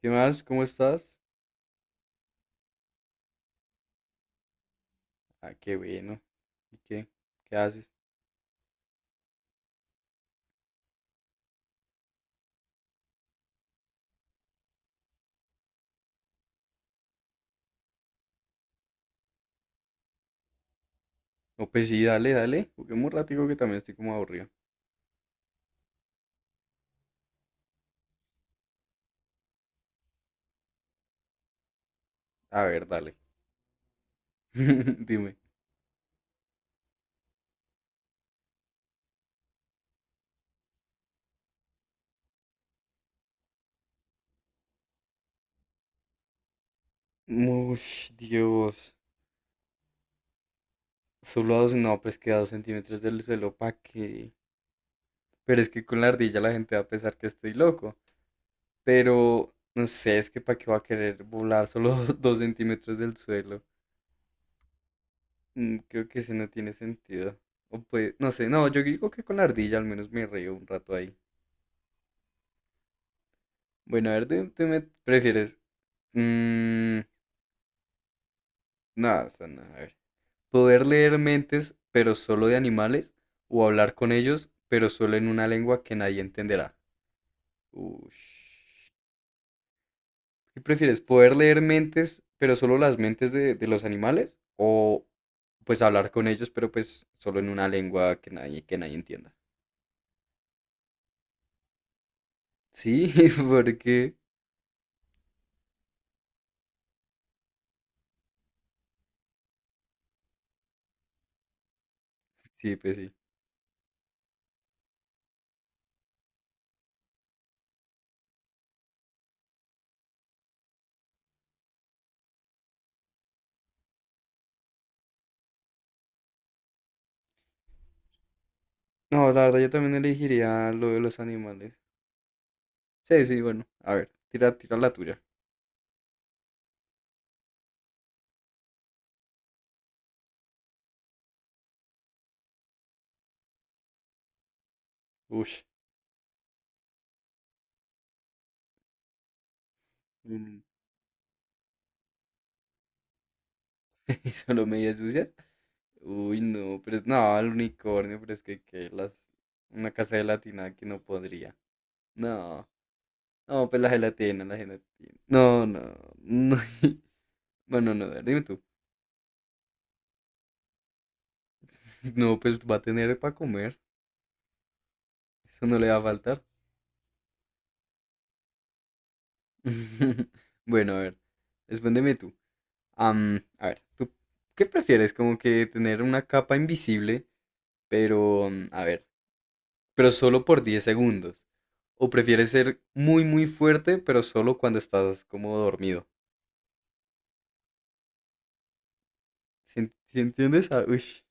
¿Qué más? ¿Cómo estás? Ah, qué bueno. ¿Y qué? ¿Qué haces? No, pues sí, dale, dale. Juguemos un ratico que también estoy como aburrido. A ver, dale. Dime. Ush, Dios. Solo a dos, no, pues que a 2 centímetros del suelo, ¿pa' qué? Pero es que con la ardilla la gente va a pensar que estoy loco. Pero, no sé, es que ¿para qué va a querer volar solo dos centímetros del suelo? Creo que ese no tiene sentido. O pues, no sé, no, yo digo que con la ardilla al menos me río un rato ahí. Bueno, a ver, ¿tú me prefieres? Mm, no, está no, a ver. ¿Poder leer mentes, pero solo de animales? ¿O hablar con ellos, pero solo en una lengua que nadie entenderá? Ush. ¿Qué prefieres? ¿Poder leer mentes, pero solo las mentes de los animales? ¿O pues hablar con ellos, pero pues solo en una lengua que nadie entienda? Sí, porque... Sí, pues sí. No, la verdad yo también elegiría lo de los animales. Sí, sí, bueno. A ver, tira, tira la tuya. Ush. un- solo medias sucias. Uy, no, pero no, el unicornio, pero es que, una casa de gelatina que no podría. No, no, pues la gelatina, la gelatina. No, no, no. Bueno, no, a ver, dime tú. No, pues va a tener para comer. Eso no le va a faltar. Bueno, a ver, respóndeme tú. A ver, ¿tú qué prefieres? Como que tener una capa invisible, pero, a ver, pero solo por 10 segundos. ¿O prefieres ser muy, muy fuerte, pero solo cuando estás como dormido? ¿Sí, sí entiendes? Ah, uish.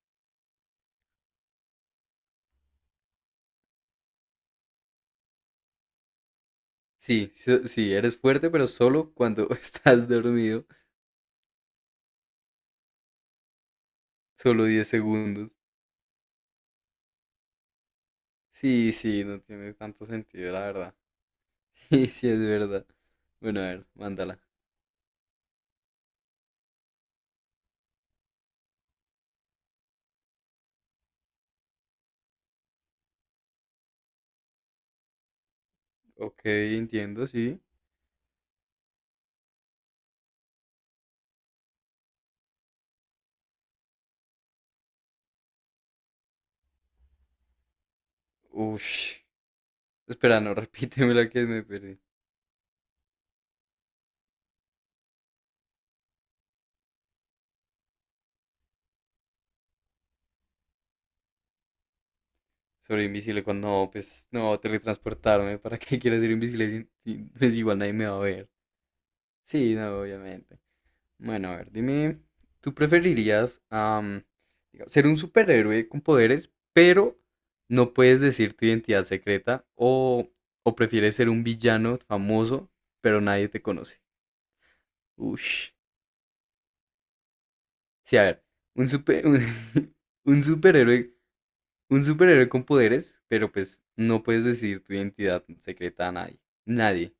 Sí, sí, sí, eres fuerte, pero solo cuando estás dormido. Solo 10 segundos. Sí, sí, no tiene tanto sentido, la verdad. Sí, sí, es verdad. Bueno, a ver, mándala. Ok, entiendo, sí. Ush. Espera, no, repíteme la que me perdí. Sobre invisible, cuando no, pues no, teletransportarme. ¿Para qué quieres ser invisible pues igual nadie me va a ver? Sí, no, obviamente. Bueno, a ver, dime, ¿tú preferirías digamos, ser un superhéroe con poderes, pero no puedes decir tu identidad secreta? ¿O prefieres ser un villano famoso, pero nadie te conoce? Ush. Sí, a ver, un, super, un, un superhéroe, un superhéroe con poderes, pero pues no puedes decir tu identidad secreta a nadie. Nadie.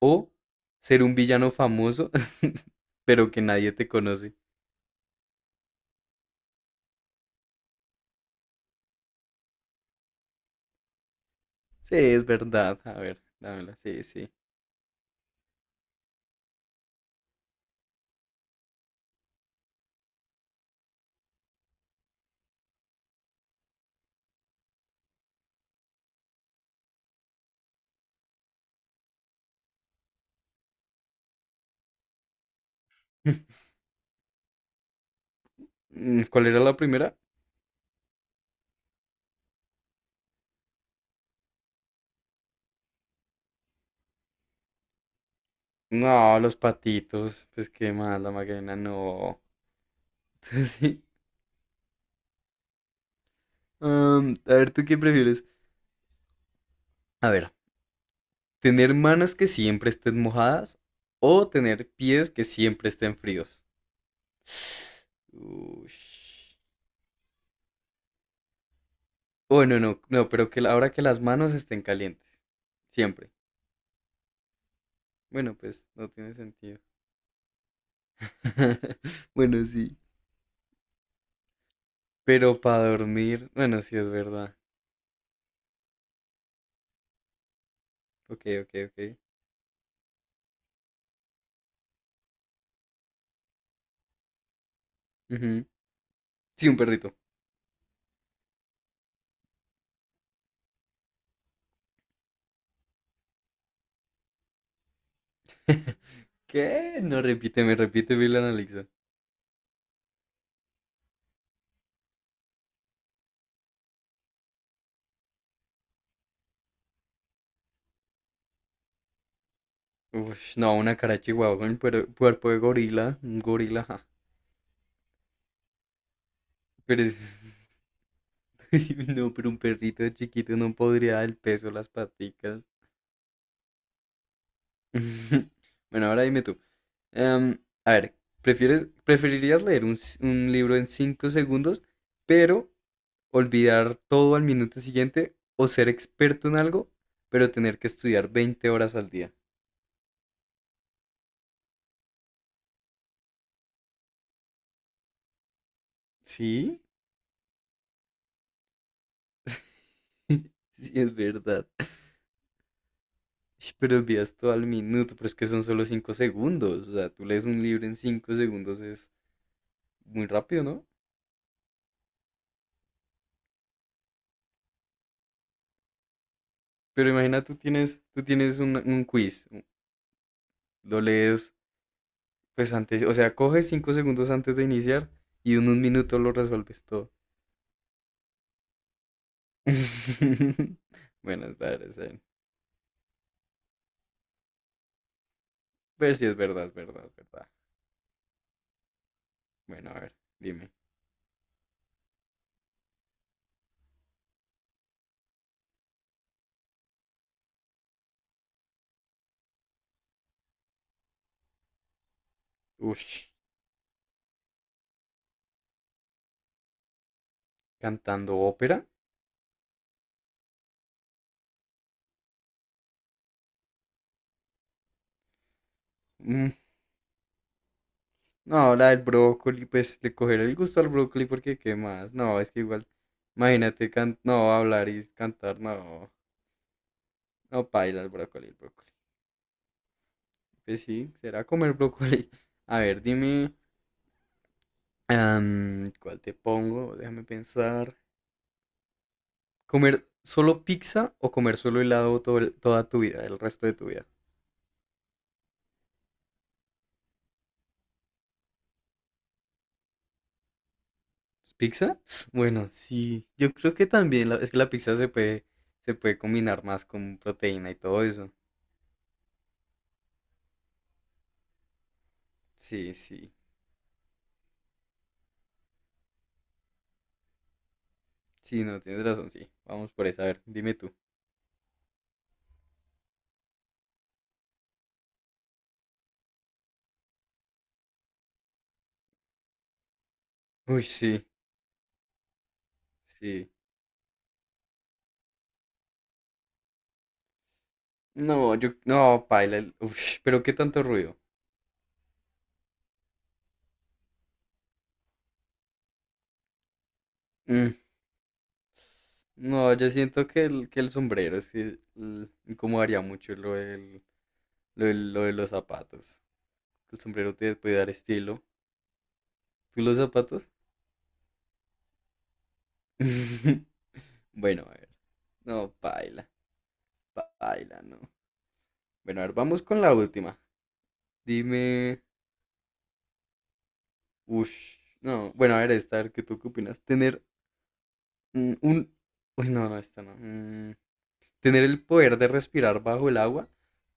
O ser un villano famoso, pero que nadie te conoce. Sí, es verdad. A ver, dámela. Sí, sí. ¿Cuál era la primera? No, los patitos. Pues qué mal, la Macarena, no. Sí. A ver, ¿tú qué prefieres? A ver, ¿tener manos que siempre estén mojadas o tener pies que siempre estén fríos? Uy. Bueno, no, no, pero que ahora que las manos estén calientes. Siempre. Bueno, pues no tiene sentido. Bueno, sí. Pero para dormir, bueno, sí es verdad. Ok, ok, ok. Ujú. Sí, un perrito. ¿Qué? No, repíteme la analiza. Uf, no, una cara de chihuahua con cuerpo de gorila. Un gorila, ja. Pero es... No, pero un perrito chiquito no podría dar el peso, las paticas. Bueno, ahora dime tú. Em, a ver, ¿preferirías leer un libro en 5 segundos, pero olvidar todo al minuto siguiente, o ser experto en algo, pero tener que estudiar 20 horas al día? Sí, sí, es verdad. Pero envías todo al minuto, pero es que son solo 5 segundos. O sea, tú lees un libro en 5 segundos, es muy rápido, ¿no? Pero imagina, tú tienes, tú tienes un quiz, lo lees, pues antes, o sea, coges 5 segundos antes de iniciar y en un minuto lo resuelves todo. Bueno, es verdad. Ver si es verdad, es verdad, es verdad. Bueno, a ver, dime. Ush, cantando ópera. No, la del brócoli, pues le coger el gusto al brócoli porque qué más. No, es que igual, imagínate, no, hablar y cantar, no, no paila el brócoli, el brócoli. Pues sí, será comer brócoli. A ver, dime, ¿cuál te pongo? Déjame pensar. ¿Comer solo pizza o comer solo helado todo toda tu vida, el resto de tu vida? ¿Es ¿Pizza? Bueno, sí, yo creo que también, es que la pizza se puede, combinar más con proteína y todo eso. Sí, sí. Sí, no, tienes razón, sí. Vamos por esa, a ver, dime tú. Uy, sí, sí. No, yo, no, paila, uy, pero qué tanto ruido. Mm, no, yo siento que el sombrero, es que incomodaría mucho lo de los zapatos. El sombrero te puede dar estilo. ¿Tú los zapatos? Bueno, a ver. No, paila, paila, no. Bueno, a ver, vamos con la última. Dime, uff, no, bueno, a ver, esta, a ver, ¿qué tú qué opinas? ¿Tener Un... Uy, no, no, esta no. Tener el poder de respirar bajo el agua,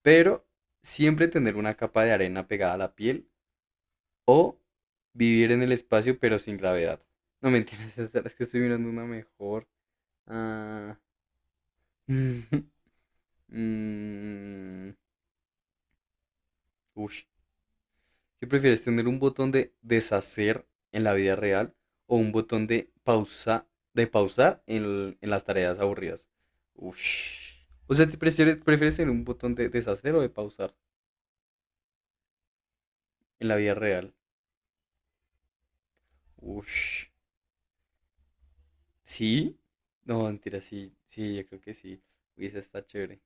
pero siempre tener una capa de arena pegada a la piel o vivir en el espacio pero sin gravedad. No mentiras, es que estoy mirando una mejor. Ah, mm, mm, ush. ¿Qué prefieres, tener un botón de deshacer en la vida real o un botón de pausar en las tareas aburridas? Uf. O sea, ¿prefieres tener un botón de deshacer o de pausar en la vida real? Uf. ¿Sí? No, mentira, sí, sí, yo creo que sí. Uy, esa está chévere.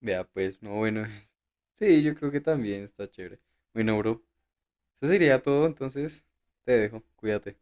Vea, pues, no, bueno. Sí, yo creo que también está chévere. Bueno, bro, eso sería todo, entonces te dejo, cuídate.